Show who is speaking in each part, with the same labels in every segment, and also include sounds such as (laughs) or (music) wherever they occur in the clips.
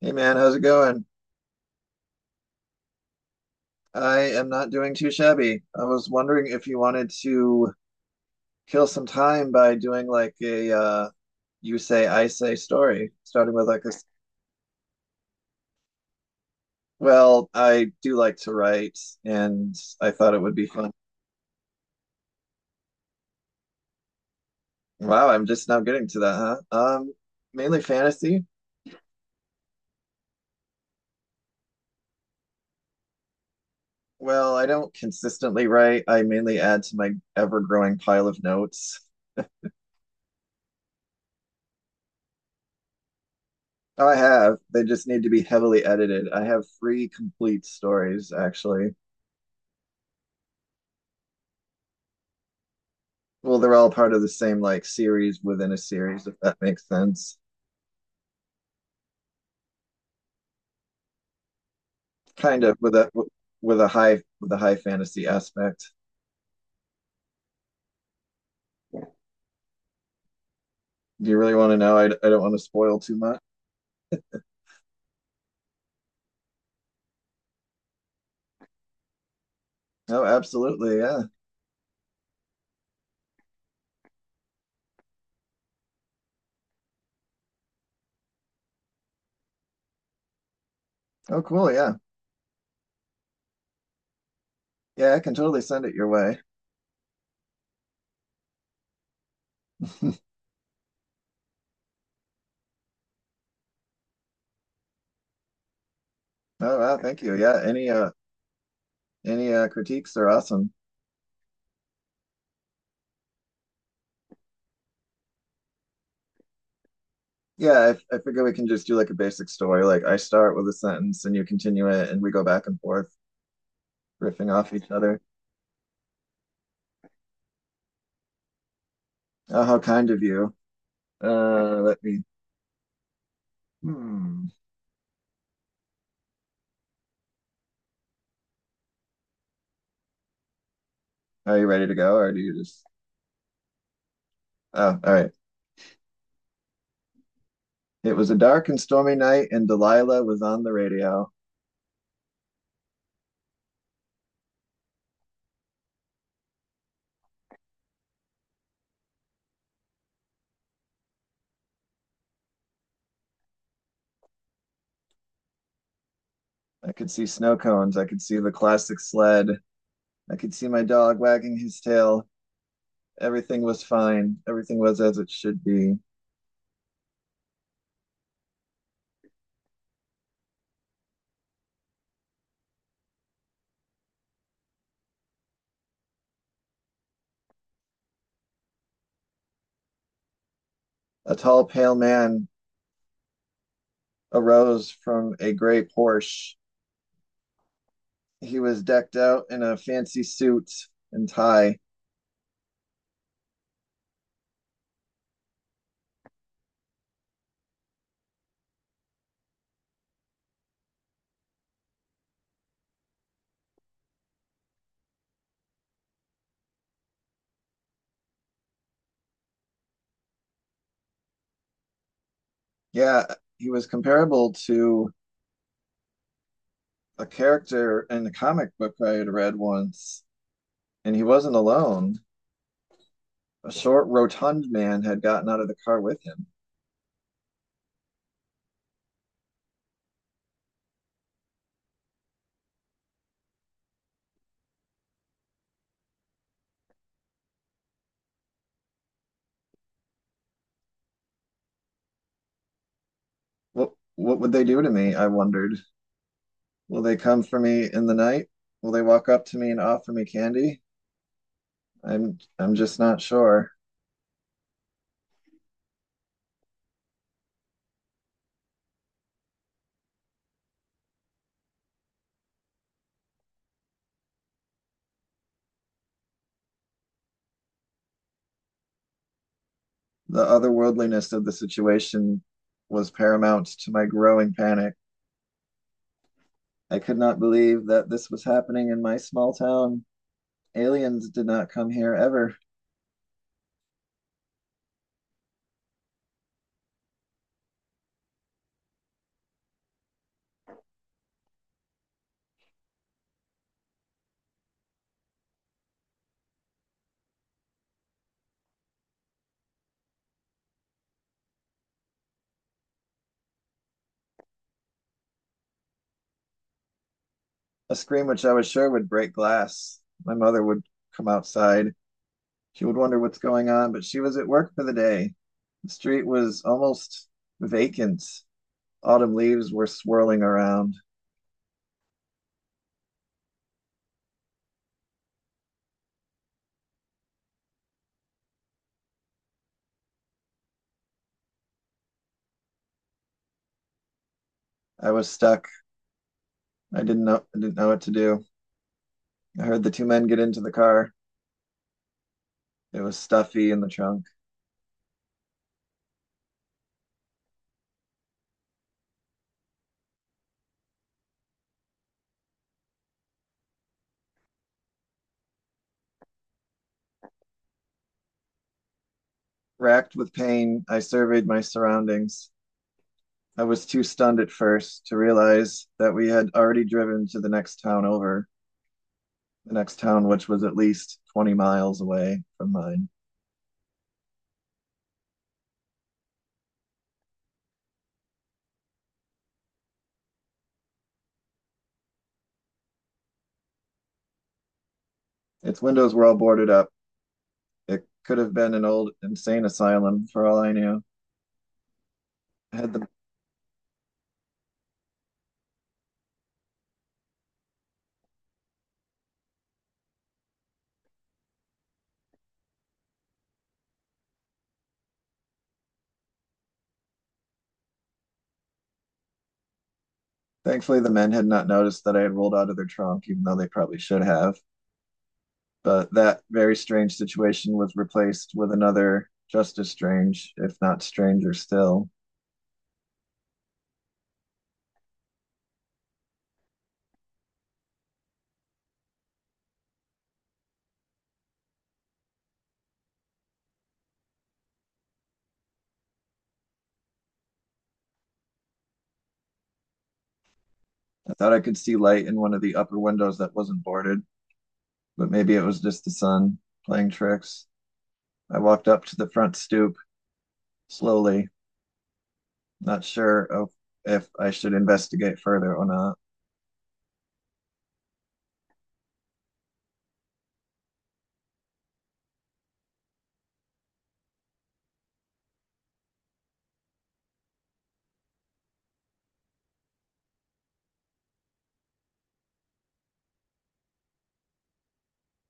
Speaker 1: Hey man, how's it going? I am not doing too shabby. I was wondering if you wanted to kill some time by doing like a you say I say story, starting with like a well, I do like to write and I thought it would be fun. Wow, I'm just now getting to that, huh? Mainly fantasy. Well, I don't consistently write. I mainly add to my ever-growing pile of notes. Oh, I have. They just need to be heavily edited. I have three complete stories actually. Well, they're all part of the same like series within a series, if that makes sense. Kind of with a high fantasy aspect. Do you really want to know? I don't want to spoil too much. Oh, absolutely. Yeah. Oh, cool. Yeah. Yeah, I can totally send it your way. (laughs) Oh, wow. Thank you. Yeah. Any critiques are awesome. Yeah, I figure we can just do like a basic story. Like I start with a sentence and you continue it and we go back and forth riffing off each other. Oh, how kind of you. Let me. Hmm. Are you ready to go, or do you just? Oh, all right. It was a dark and stormy night, and Delilah was on the radio. I could see snow cones. I could see the classic sled. I could see my dog wagging his tail. Everything was fine. Everything was as it should be. A tall, pale man arose from a gray Porsche. He was decked out in a fancy suit and tie. Yeah, he was comparable to a character in the comic book I had read once, and he wasn't alone. A short, rotund man had gotten out of the car with him. What would they do to me? I wondered. Will they come for me in the night? Will they walk up to me and offer me candy? I'm just not sure. The otherworldliness of the situation was paramount to my growing panic. I could not believe that this was happening in my small town. Aliens did not come here ever. A scream which I was sure would break glass. My mother would come outside. She would wonder what's going on, but she was at work for the day. The street was almost vacant. Autumn leaves were swirling around. I was stuck. I didn't know what to do. I heard the two men get into the car. It was stuffy in the trunk. Racked with pain, I surveyed my surroundings. I was too stunned at first to realize that we had already driven to the next town over, the next town which was at least 20 miles away from mine. Its windows were all boarded up. It could have been an old insane asylum for all I knew. I Had the Thankfully the men had not noticed that I had rolled out of their trunk, even though they probably should have. But that very strange situation was replaced with another just as strange, if not stranger still. I thought I could see light in one of the upper windows that wasn't boarded, but maybe it was just the sun playing tricks. I walked up to the front stoop slowly, not sure of if I should investigate further or not.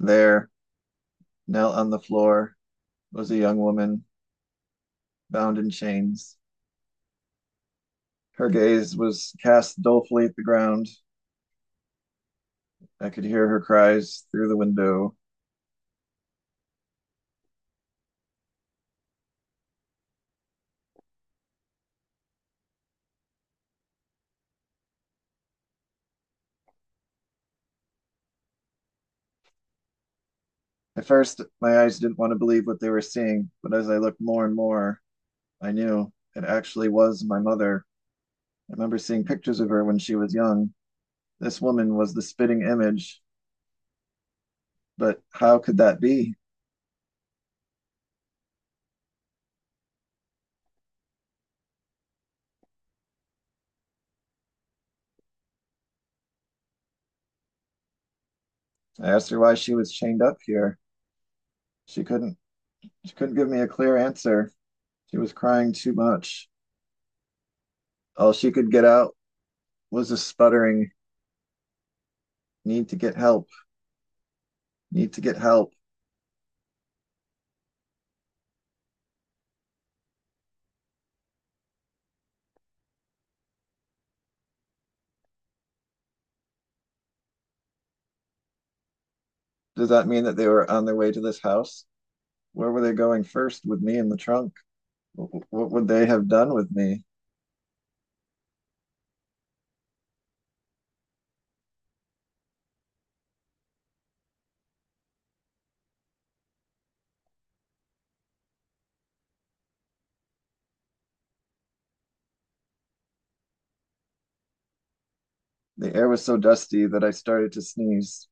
Speaker 1: There, knelt on the floor, was a young woman bound in chains. Her gaze was cast dolefully at the ground. I could hear her cries through the window. At first, my eyes didn't want to believe what they were seeing, but as I looked more and more, I knew it actually was my mother. I remember seeing pictures of her when she was young. This woman was the spitting image, but how could that be? I asked her why she was chained up here. She couldn't she couldn't give me a clear answer. She was crying too much. All she could get out was a sputtering need to get help, need to get help. Does that mean that they were on their way to this house? Where were they going first with me in the trunk? What would they have done with me? The air was so dusty that I started to sneeze.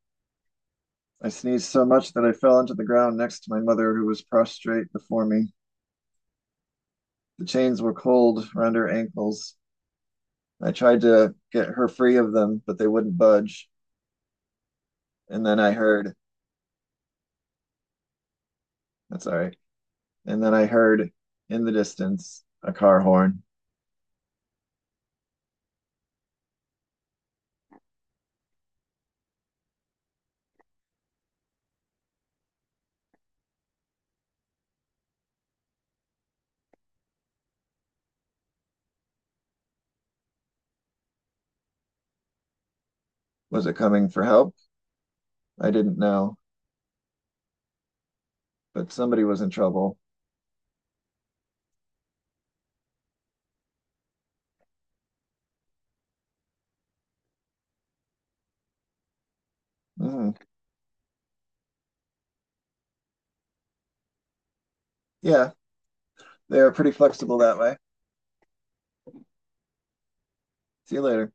Speaker 1: I sneezed so much that I fell onto the ground next to my mother, who was prostrate before me. The chains were cold around her ankles. I tried to get her free of them, but they wouldn't budge. And then I heard, that's all right. And then I heard in the distance a car horn. Was it coming for help? I didn't know. But somebody was in trouble. Mhm. Yeah, they are pretty flexible that way. See you later.